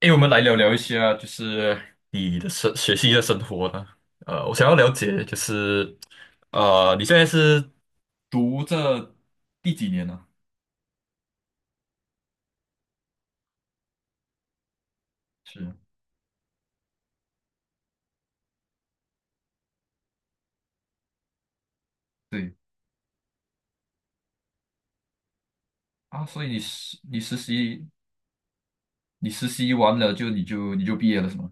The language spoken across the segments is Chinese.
诶，我们来聊聊一下，就是你的学习的生活呢。我想要了解，就是你现在是读这第几年呢？是，对啊。所以你实习完了就你就毕业了是吗？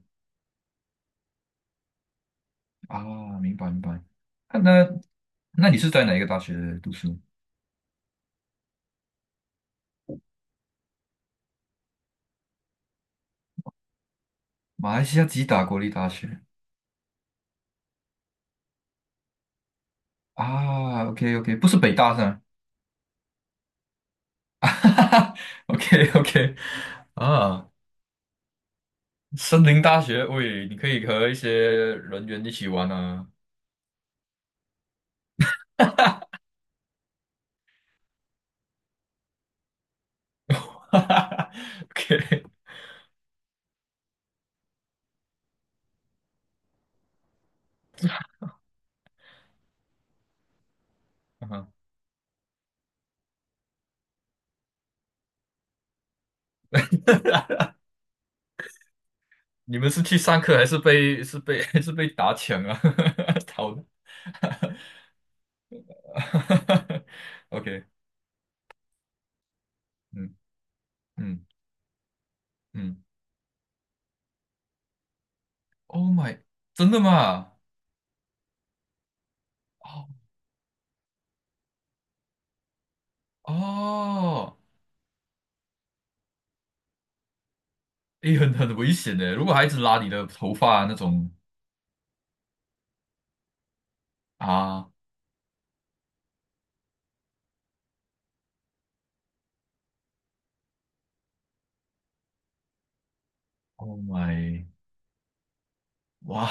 啊，明白明白。啊，那你是在哪一个大学读书？马来西亚吉打国立大学。啊，OK OK，不是北大是吗？OK OK，啊，OK，OK 啊，森林大学，喂，你可以和一些人员一起玩啊。哈哈哈，OK，嗯，你们是去上课还是被 还是被打抢啊？讨论 ，OK，嗯嗯嗯，Oh my，真的吗？哦哦，诶，很危险的，如果孩子拉你的头发那种啊。Oh my，哇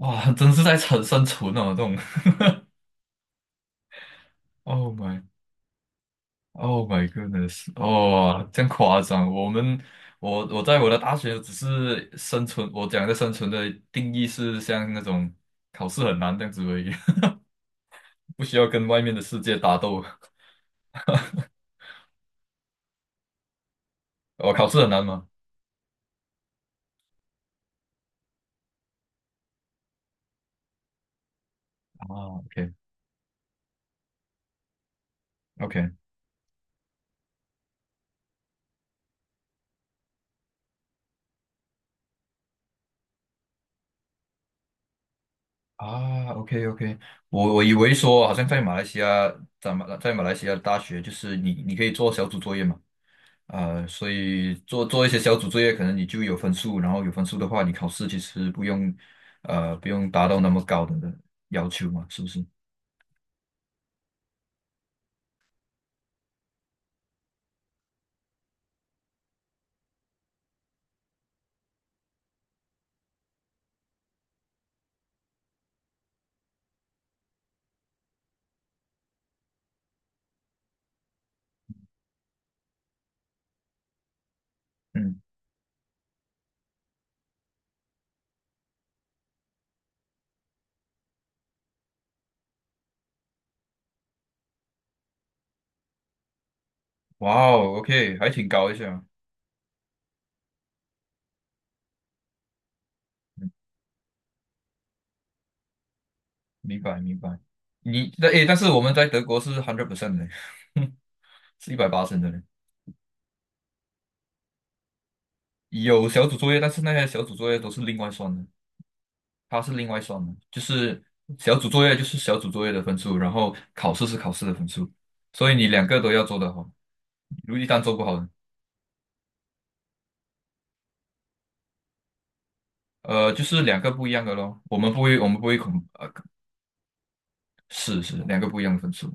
哇，真是在生存哦，这种，Oh my。Oh my goodness！哦，这样夸张。我们，我在我的大学只是生存，我讲的生存的定义是像那种考试很难这样子而已。不需要跟外面的世界打斗。我考试很难吗？啊，OK OK。 啊，OK OK，我以为说好像在马来西亚，在马来西亚的大学就是你可以做小组作业嘛。呃，所以做做一些小组作业，可能你就有分数，然后有分数的话，你考试其实不用，不用达到那么高的要求嘛，是不是？嗯，哇哦，OK，还挺高一下，明白明白。诶，但是我们在德国是 hundred percent 的，是180的嘞。有小组作业，但是那些小组作业都是另外算的，它是另外算的，就是小组作业就是小组作业的分数，然后考试是考试的分数，所以你两个都要做得好，如一旦做不好。呃，就是两个不一样的咯。我们不会恐，是两个不一样的分数。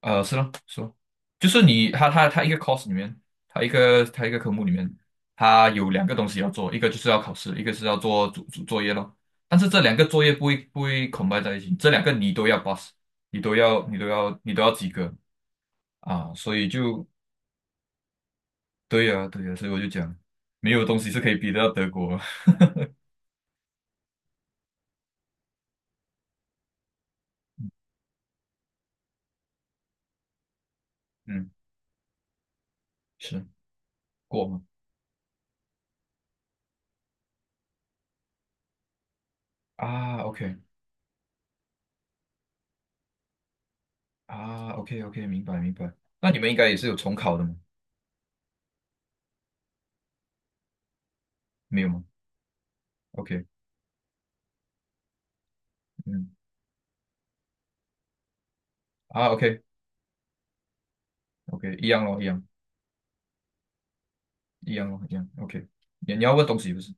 是咯，是咯，就是你，他一个 course 里面，他一个科目里面，他有两个东西要做，一个就是要考试，一个是要做主作业咯。但是这两个作业不会 c o 在一起，这两个你都要 pass，你都要及格啊。所以就对呀、对呀、所以我就讲，没有东西是可以比得到德国。嗯，是过吗？啊，OK。啊，OK OK，明白明白。那你们应该也是有重考的吗？没有吗？OK，嗯，啊，OK OK，一样咯，一样一样咯，一样。OK，你要问东西不是？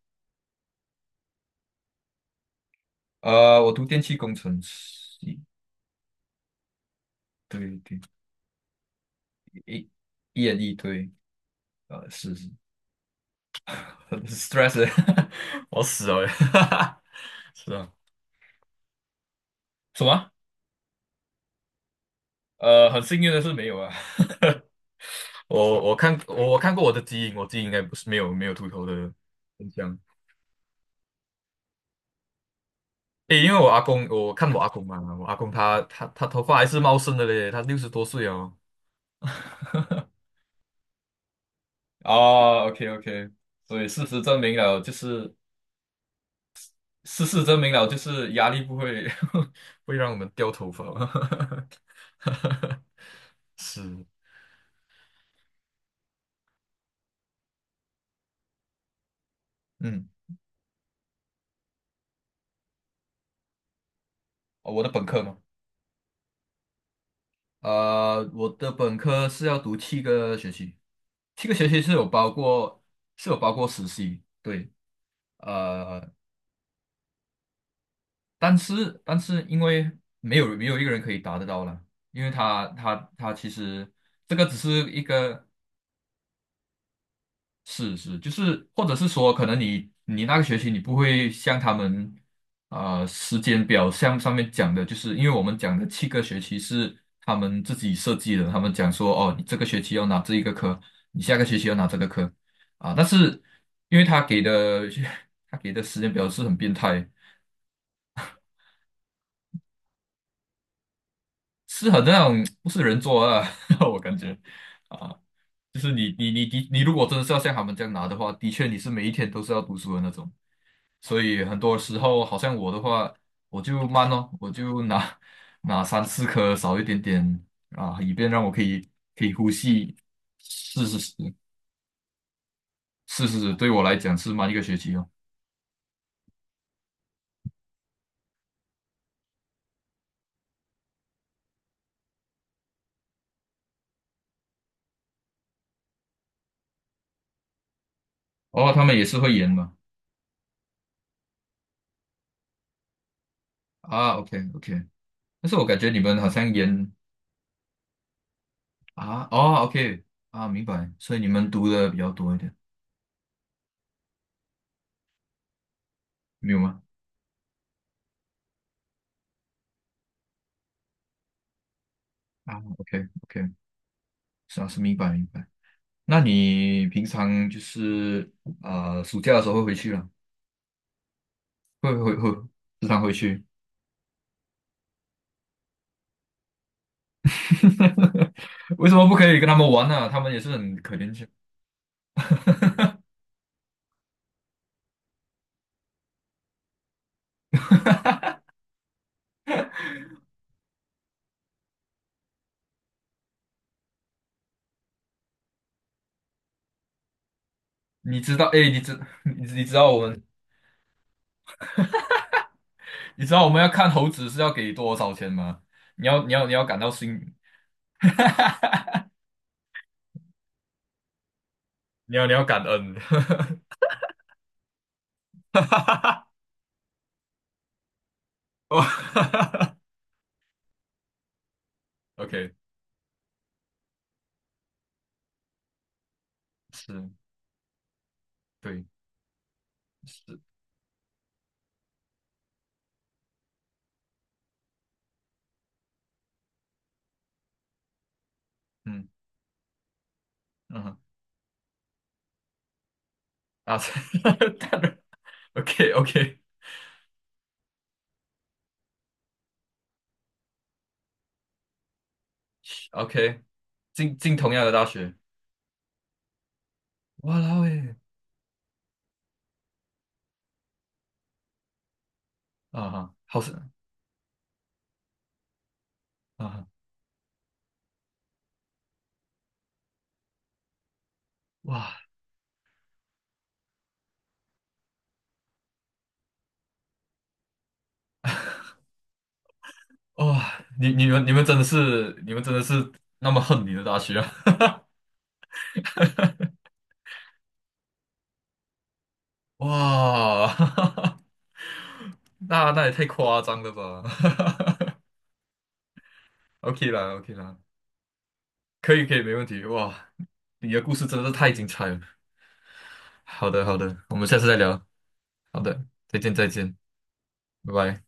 我读电气工程系，对对，一一人一对。是是，很 stress，欸 我死了欸，是啊，什么？很幸运的是没有啊，我看过我的基因，我基因应该不是没有秃头的现象。诶，因为我阿公，我看我阿公嘛，我阿公他头发还是茂盛的嘞，他60多岁哦。哦，OK OK，所以事实证明了，就是压力不会 会让我们掉头发 是，嗯，哦，我的本科嘛。呃，我的本科是要读七个学期，七个学期是有包括实习，对，呃。但是因为没有一个人可以达得到了，因为他其实这个只是一个事实，就是或者是说，可能你那个学期你不会像他们，时间表像上面讲的，就是因为我们讲的七个学期是他们自己设计的。他们讲说哦，你这个学期要拿这一个科，你下个学期要拿这个科啊。但是因为他给的 他给的时间表是很变态。是很那种不是人做的啊。我感觉啊，就是你如果真的是要像他们这样拿的话，的确你是每一天都是要读书的那种，所以很多时候好像我的话，我就慢哦，我就拿三四颗少一点点啊，以便让我可以呼吸，是是是是是是对我来讲是慢1个学期哦。哦，他们也是会延嘛？啊，OK OK。但是我感觉你们好像延啊。哦，OK， 啊，明白，所以你们读的比较多一点。没有吗？啊，OK OK，是啊，是明白明白。那你平常就是暑假的时候会回去了，会时常回去。为什么不可以跟他们玩呢、他们也是很可怜的。你知道，哎，你知 你你知道我们你知道我们要看猴子是要给多少钱吗？你要感到心，你要感恩。哈哈哈，哦哈哈哈，OK，是，对，是，嗯嗯哼啊。当然，OK OK。OK，进同样的大学，哇啦喂，啊哈，好是啊哈。哇哇，你们真的是那么恨你的大学啊？哇，那也太夸张了吧 ？OK 啦，OK 啦，可以可以，没问题。哇，你的故事真的是太精彩了。好的好的，我们下次再聊。好的，再见再见，拜拜。